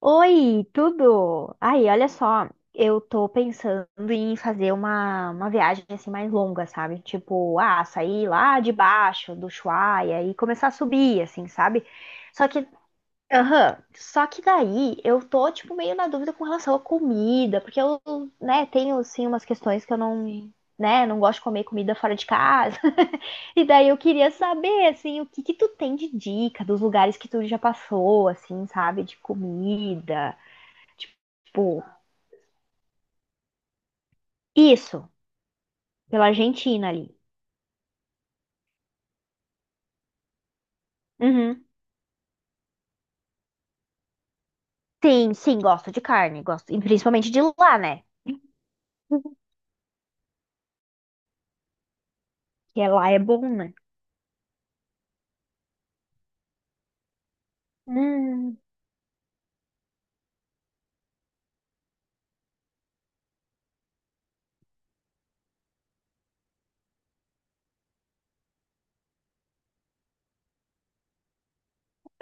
Oi, tudo? Aí, olha só, eu tô pensando em fazer uma viagem assim mais longa, sabe? Tipo, sair lá de baixo do Ushuaia e começar a subir, assim, sabe? Só que, aham, só que daí eu tô, tipo, meio na dúvida com relação à comida, porque eu, né, tenho, assim, umas questões que eu não, né, não gosto de comer comida fora de casa. E daí eu queria saber, assim, o que que tu tem de dica dos lugares que tu já passou, assim, sabe? De comida. Tipo, isso, pela Argentina ali. Uhum. Sim, sim, gosto de carne, gosto, e principalmente de lá, né? Que é lá é bom, né? Hum,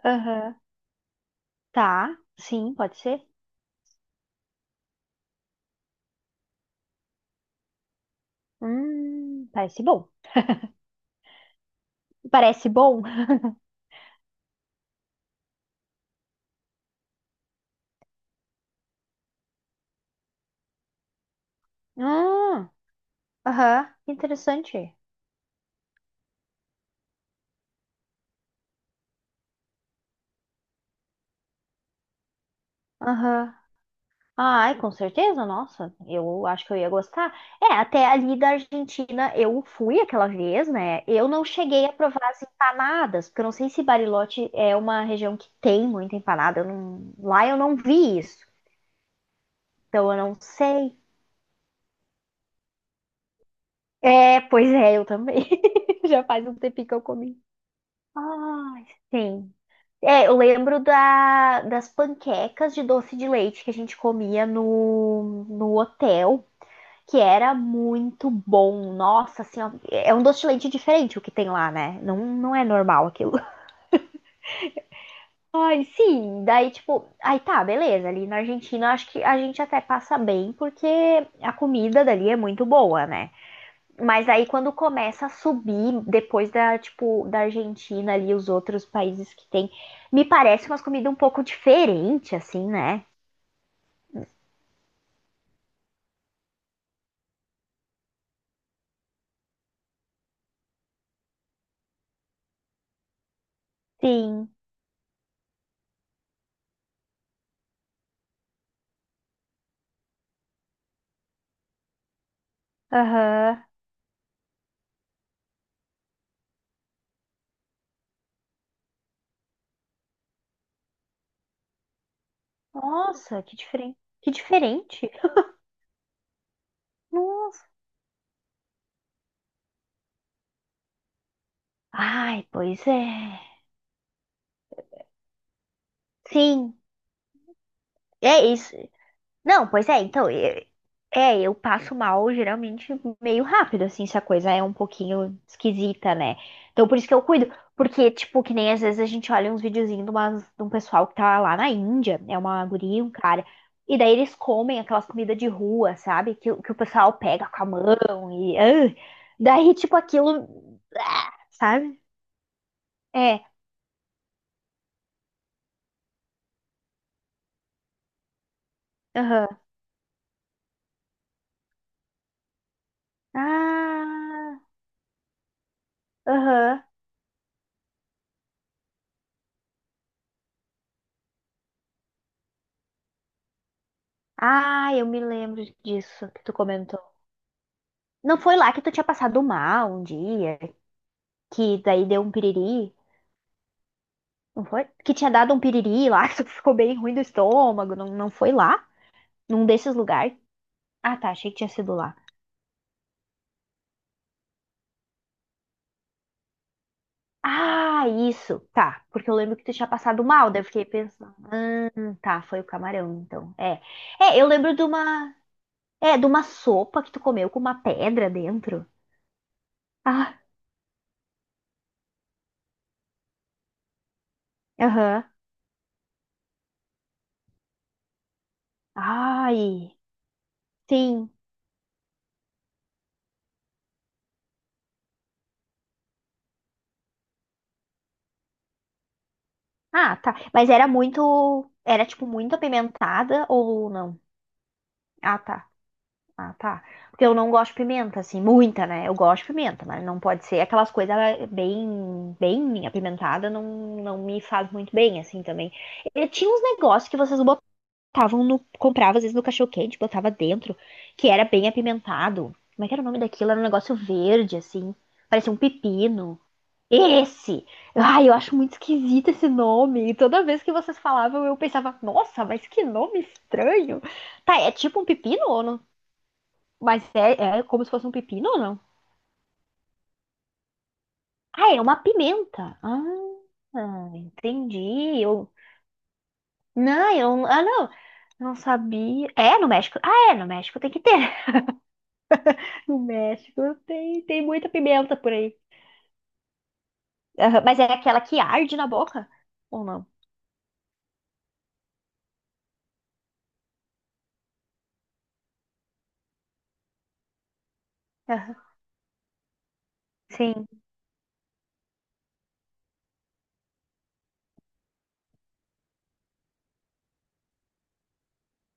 aham. Tá, sim, pode ser. Parece bom. Parece bom? ah, Aham, interessante. Aham. Ai, com certeza, nossa, eu acho que eu ia gostar. É, até ali da Argentina eu fui aquela vez, né? Eu não cheguei a provar as empanadas, porque eu não sei se Bariloche é uma região que tem muita empanada. Eu não- Lá eu não vi isso, então eu não sei. É, pois é, eu também. Já faz um tempinho que eu comi. Ai, sim. É, eu lembro das panquecas de doce de leite que a gente comia no hotel, que era muito bom. Nossa senhora, é um doce de leite diferente o que tem lá, né? Não, não é normal aquilo. Ai, sim, daí tipo, aí tá, beleza, ali na Argentina acho que a gente até passa bem porque a comida dali é muito boa, né? Mas aí quando começa a subir depois da, tipo, da Argentina ali os outros países que tem, me parece umas comidas um pouco diferente assim, né? Sim. Aham. Nossa, que diferente. Que diferente. Nossa. Ai, pois é. Sim, é isso. Não, pois é, então, eu, eu passo mal geralmente meio rápido, assim, se a coisa é um pouquinho esquisita, né? Então, por isso que eu cuido. Porque, tipo, que nem às vezes a gente olha uns videozinhos de um pessoal que tá lá na Índia, é uma guria, e um cara, e daí eles comem aquelas comidas de rua, sabe? Que o pessoal pega com a mão e. Daí, tipo, aquilo. Sabe? É, aham. Ah, aham. Ah, eu me lembro disso que tu comentou. Não foi lá que tu tinha passado mal um dia, que daí deu um piriri? Não foi? Que tinha dado um piriri lá, que tu ficou bem ruim do estômago. Não, não foi lá? Num desses lugares? Ah, tá. Achei que tinha sido lá. Ah, isso. Tá. Porque eu lembro que tu tinha passado mal. Daí eu fiquei pensando. Tá. Foi o camarão, então. É. É, eu lembro de uma. É, de uma sopa que tu comeu com uma pedra dentro. Ah, aham. Ai. Sim. Ah, tá. Mas era muito. Era, tipo, muito apimentada ou não? Ah, tá. Ah, tá. Porque eu não gosto de pimenta, assim, muita, né? Eu gosto de pimenta, mas não pode ser aquelas coisas bem, bem apimentada, não, não me faz muito bem, assim, também. E tinha uns negócios que vocês botavam no. Comprava, às vezes, no cachorro-quente, botava dentro, que era bem apimentado. Como é que era o nome daquilo? Era um negócio verde, assim. Parecia um pepino. Esse! Ai, eu acho muito esquisito esse nome. E toda vez que vocês falavam, eu pensava, nossa, mas que nome estranho. Tá, é tipo um pepino ou não? Mas é como se fosse um pepino ou não? Ah, é uma pimenta. Ah, entendi. Eu. Não, eu. Ah, não. Não sabia. É, no México. Ah, é, no México tem que ter. No México tem, muita pimenta por aí. Aham, mas é aquela que arde na boca? Ou não? Aham, sim.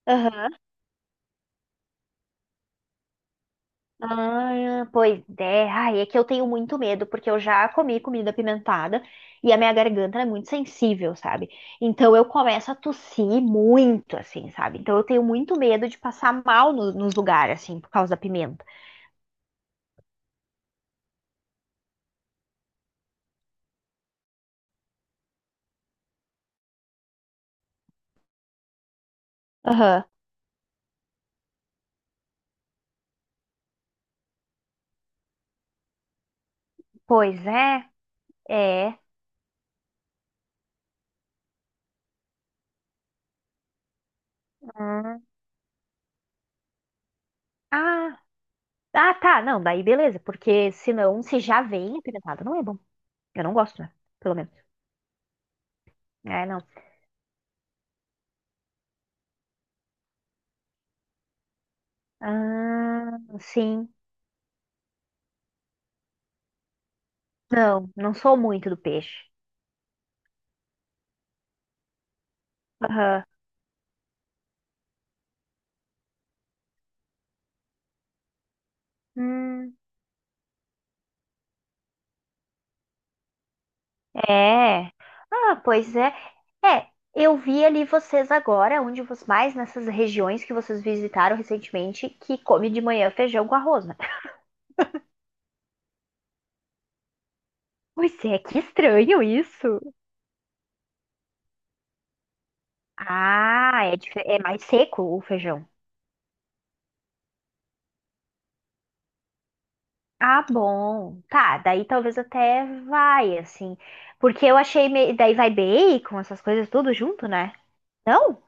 Aham. Ah, pois é. Ai, é que eu tenho muito medo, porque eu já comi comida apimentada e a minha garganta é muito sensível, sabe? Então eu começo a tossir muito, assim, sabe? Então eu tenho muito medo de passar mal nos lugares, assim, por causa da pimenta. Aham. Pois é, é. Hum. Ah, ah, tá. Não, daí beleza, porque senão, se já vem apimentada, não é bom. Eu não gosto, né? Pelo menos. É, não. Ah, sim. Não, não sou muito do peixe. Aham. Hum, é. Ah, pois é. É, eu vi ali vocês agora, onde vocês mais nessas regiões que vocês visitaram recentemente, que come de manhã feijão com arroz, né? Pois é, que estranho isso. Ah, é, é mais seco o feijão. Ah, bom. Tá, daí talvez até vai, assim. Porque eu achei. Daí vai bacon, essas coisas tudo junto, né? Não?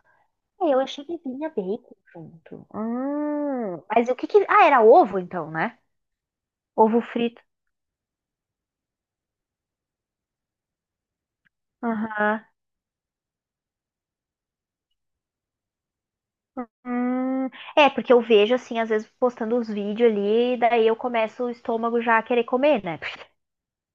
Eu achei que vinha bacon junto. Mas o que que. Ah, era ovo então, né? Ovo frito. Aham. Hum, é, porque eu vejo, assim, às vezes postando os vídeos ali, e daí eu começo o estômago já a querer comer, né?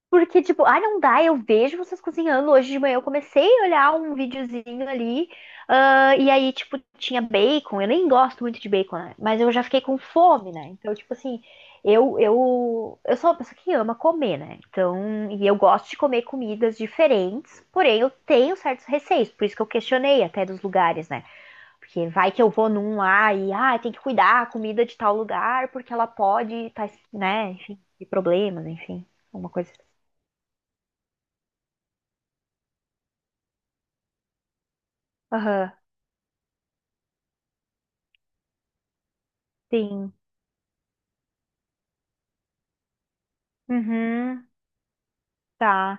Porque, tipo, não dá, eu vejo vocês cozinhando. Hoje de manhã eu comecei a olhar um videozinho ali, e aí, tipo, tinha bacon. Eu nem gosto muito de bacon, né? Mas eu já fiquei com fome, né? Então, tipo assim, eu sou uma pessoa que ama comer, né? Então, e eu gosto de comer comidas diferentes, porém eu tenho certos receios, por isso que eu questionei até dos lugares, né? Porque vai que eu vou num lá e, tem que cuidar a comida de tal lugar, porque ela pode estar né, enfim, de problemas, enfim, alguma coisa. Aham, sim. Uhum, tá.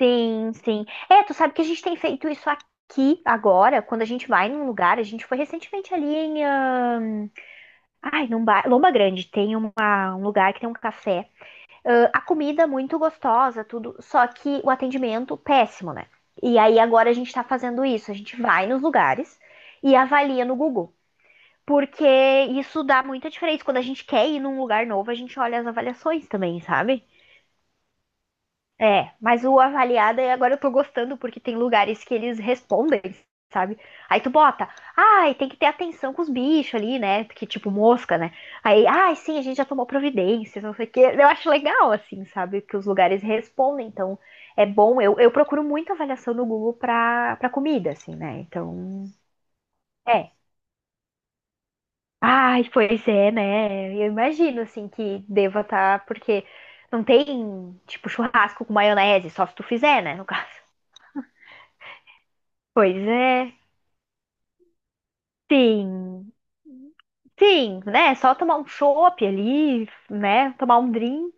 Sim, sim. É, tu sabe que a gente tem feito isso aqui agora, quando a gente vai num lugar, a gente foi recentemente ali em, ai, num bar, Lomba Grande, tem um lugar que tem um café. A comida muito gostosa, tudo, só que o atendimento péssimo, né? E aí agora a gente tá fazendo isso, a gente vai nos lugares e avalia no Google, porque isso dá muita diferença. Quando a gente quer ir num lugar novo, a gente olha as avaliações também, sabe? É, mas o avaliada, e agora eu tô gostando, porque tem lugares que eles respondem, sabe? Aí tu bota, ai, tem que ter atenção com os bichos ali, né? Que tipo mosca, né? Aí, ai, sim, a gente já tomou providências, não sei o quê. Eu acho legal, assim, sabe? Que os lugares respondem, então é bom. Eu procuro muito avaliação no Google pra comida, assim, né? Então, é. Ai, pois é, né? Eu imagino, assim, que deva estar, porque não tem, tipo, churrasco com maionese, só se tu fizer, né? No caso. Pois é, sim, sim, né? Só tomar um chopp ali, né? Tomar um drink.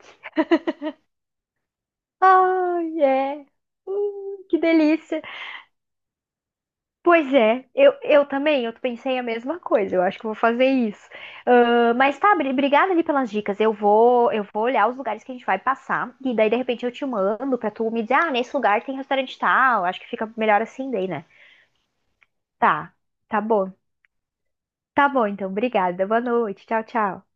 Ai, é. Que delícia. Pois é, eu também, eu pensei a mesma coisa. Eu acho que eu vou fazer isso. Ah, mas tá, obrigada ali pelas dicas. Eu vou olhar os lugares que a gente vai passar e daí de repente eu te mando pra tu me dizer, nesse lugar tem restaurante tal. Acho que fica melhor assim daí, né? Tá, tá bom. Tá bom, então. Obrigada. Boa noite. Tchau, tchau.